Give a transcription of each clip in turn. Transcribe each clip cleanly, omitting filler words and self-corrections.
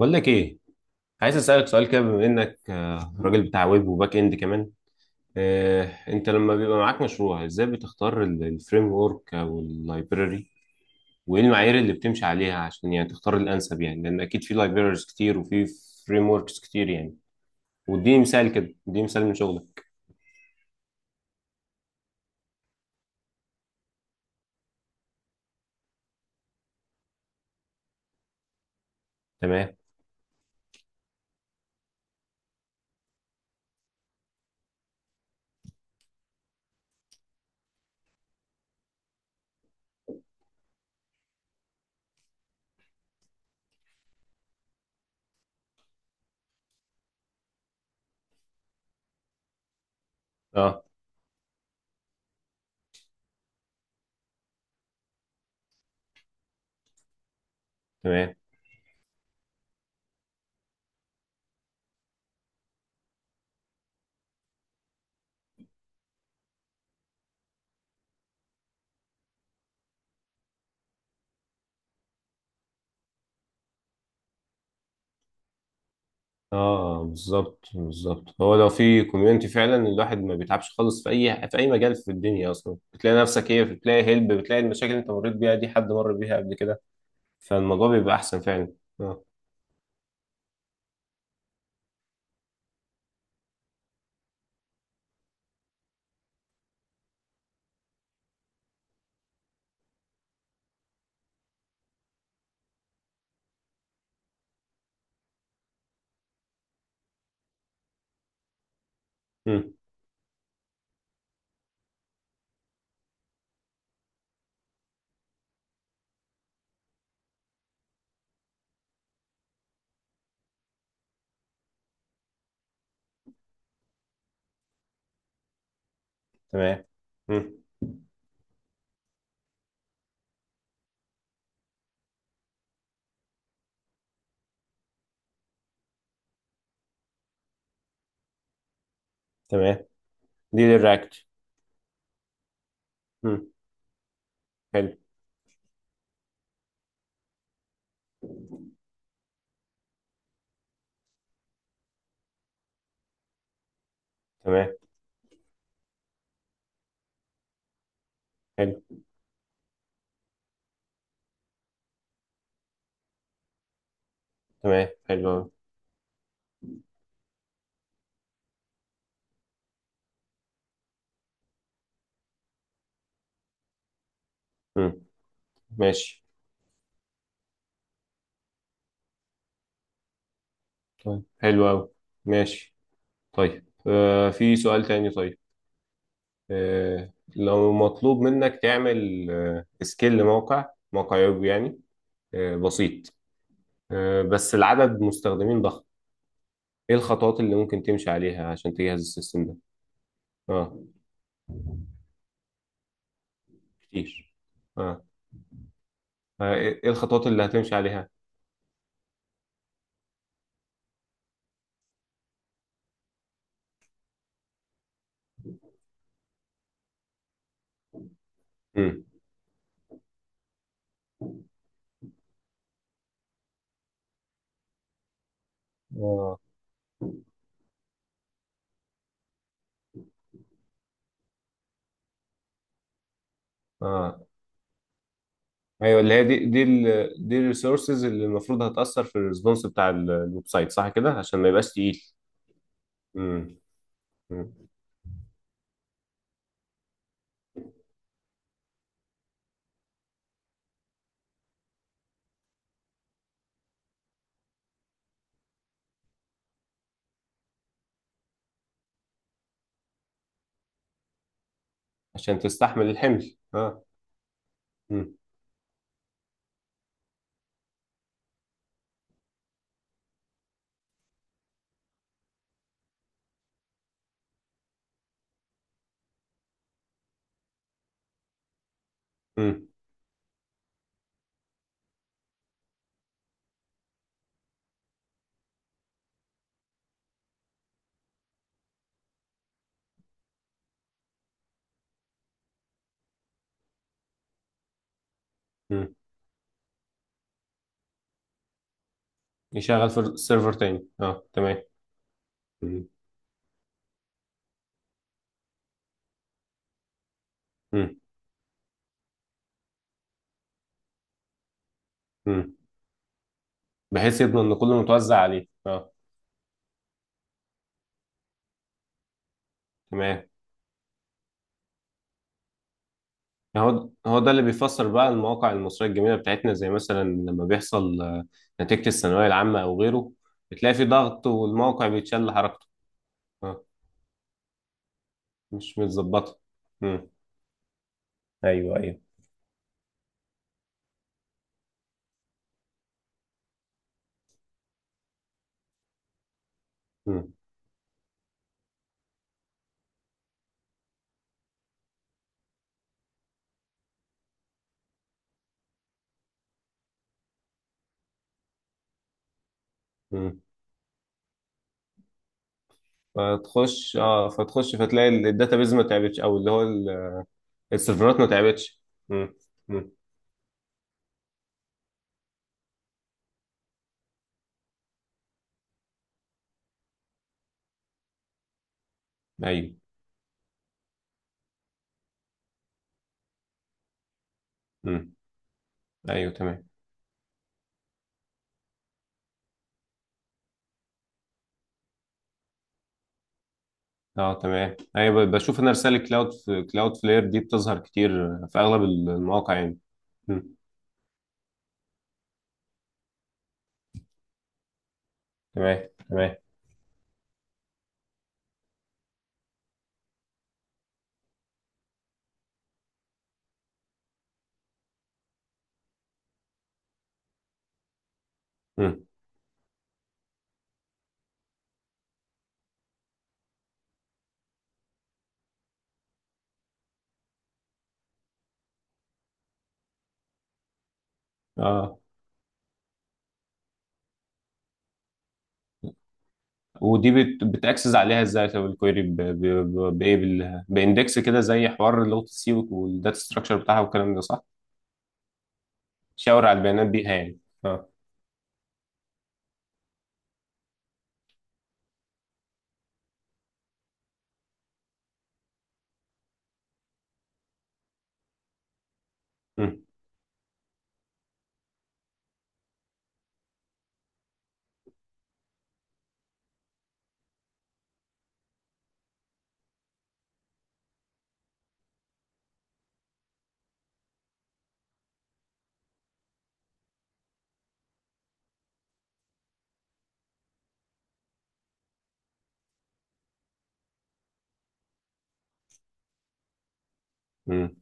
بقول لك ايه. عايز اسالك سؤال كده بما انك راجل بتاع ويب وباك اند كمان. انت لما بيبقى معاك مشروع ازاي بتختار الفريم ورك او اللايبراري، وايه المعايير اللي بتمشي عليها عشان يعني تختار الانسب؟ يعني لان اكيد في لايبراريز كتير وفي فريم وركس كتير يعني. واديني مثال كده، اديني مثال من شغلك. تمام. اه. تمام. اه بالظبط بالظبط، هو لو في كوميونتي فعلا الواحد ما بيتعبش خالص في اي في اي مجال في الدنيا، اصلا بتلاقي نفسك ايه، بتلاقي هيلب، بتلاقي المشاكل اللي انت مريت بيها دي حد مر بيها قبل كده. فالموضوع بيبقى احسن فعلا. اه. امم. تمام. امم. تمام، دي للرياكت. امم. حلو. تمام. حلو. تمام. حلو قوي. امم. ماشي. طيب حلو قوي. ماشي. طيب في سؤال تاني. طيب لو مطلوب منك تعمل سكيل لموقع، موقع ويب يعني، بسيط، بس العدد مستخدمين ضخم. ايه الخطوات اللي ممكن تمشي عليها عشان تجهز السيستم ده؟ اه. كتير. اه. آه، ايه إيه الخطوات اللي هتمشي عليها؟ امم. اه. اه. ايوه، اللي هي دي الريسورسز اللي المفروض هتأثر في الريسبونس بتاع الويب سايت، صح كده؟ عشان ما يبقاش تقيل. امم. أمم. عشان تستحمل الحمل، اه. امم. امم. أمم. يشغل في السيرفر تاني، اه تمام. امم. امم. أمم. بحيث يضمن ان كله متوزع عليه، اه. تمام. هو ده اللي بيفسر بقى المواقع المصرية الجميلة بتاعتنا، زي مثلا لما بيحصل نتيجة الثانوية العامة أو غيره، بتلاقي في ضغط والموقع بيتشل حركته. آه، مش متظبطة. مم، ايوه ايوه. مم، مم. فتخش فتلاقي الداتابيز ما تعبتش، أو اللي هو السيرفرات ما تعبتش. مم، مم. أيوه. مم، أيوه تمام. اه تمام. أيوه بشوف أنا رسالة كلاود، كلاود فلير دي بتظهر كتير في أغلب المواقع يعني. مم، تمام تمام. مم. اه. ودي بتاكسس عليها ازاي؟ طب الكويري بايه؟ باندكس كده زي حوار لغه السي والداتا ستراكشر بتاعها والكلام ده، صح؟ شاور على البيانات بيها يعني. اه. امم. امم.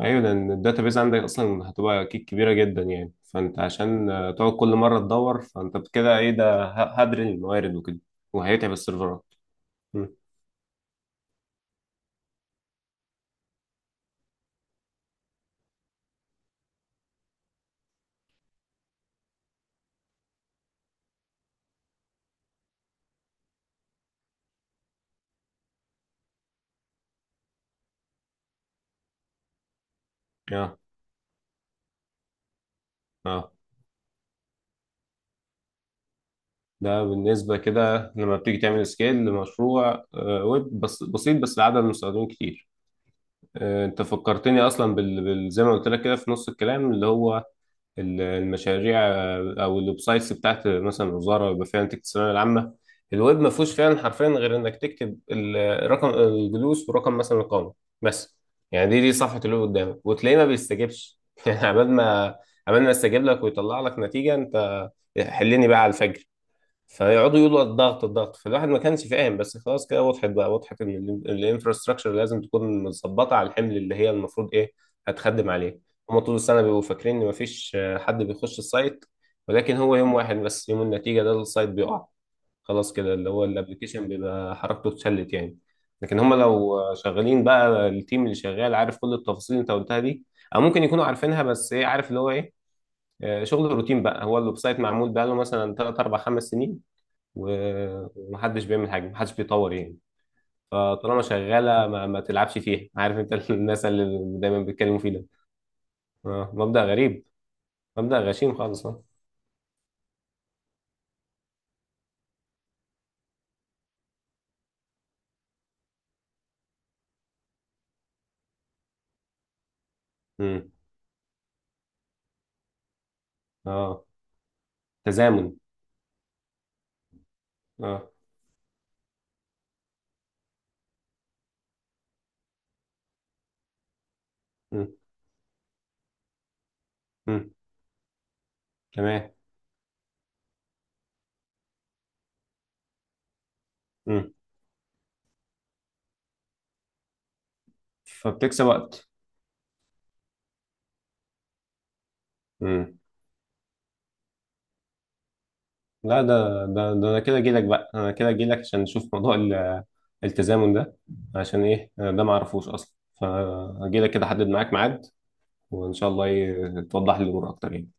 ايوه لان الداتا بيز عندك اصلا هتبقى اكيد كبيره جدا يعني، فانت عشان تقعد كل مره تدور فانت كده ايه ده، هدري الموارد وكده. وهيتعب السيرفرات. امم. اه. اه. ده بالنسبه كده لما بتيجي تعمل سكيل لمشروع ويب بس بسيط بس لعدد المستخدمين كتير. انت فكرتني اصلا زي ما قلت لك كده في نص الكلام، اللي هو المشاريع او الويب سايتس بتاعت مثلا الوزاره، يبقى فيها نتيجه الثانويه العامه. الويب ما فيهوش فعلا حرفيا غير انك تكتب الرقم الجلوس ورقم مثلا القامه بس. يعني دي صفحه الويب قدامك وتلاقيه ما بيستجيبش يعني عبال ما يستجيب لك ويطلع لك نتيجه، انت حلني بقى على الفجر. فيقعدوا يقولوا الضغط الضغط، فالواحد ما كانش فاهم، بس خلاص كده وضحت، بقى وضحت ان الانفراستراكشر لازم تكون متظبطه على الحمل اللي هي المفروض ايه، هتخدم عليه. هما طول السنه بيبقوا فاكرين ان مفيش حد بيخش السايت، ولكن هو يوم واحد بس، يوم النتيجه ده السايت بيقع. خلاص كده اللي هو الابلكيشن بيبقى حركته اتشلت يعني. لكن هما لو شغالين بقى، التيم اللي شغال عارف كل التفاصيل اللي انت قلتها دي، او ممكن يكونوا عارفينها بس ايه، عارف اللي هو ايه، شغل روتين بقى. هو الويب سايت معمول بقى له مثلا 3 4 5 سنين ومحدش بيعمل حاجه، محدش بيطور يعني. فطالما شغاله ما تلعبش فيها، عارف انت الناس اللي دايما بيتكلموا فيه ده. مبدأ غريب، مبدأ غشيم خالص، اه. مم. اه. تزامن. اه. مم. مم. تمام. مم. فبتكسب وقت. مم. لا، ده انا كده اجيلك بقى، انا كده اجيلك عشان نشوف موضوع التزامن ده، عشان ايه أنا ده ما اعرفوش اصلا. فاجيلك كده احدد معاك ميعاد، وان شاء الله توضح لي الامور اكتر يعني.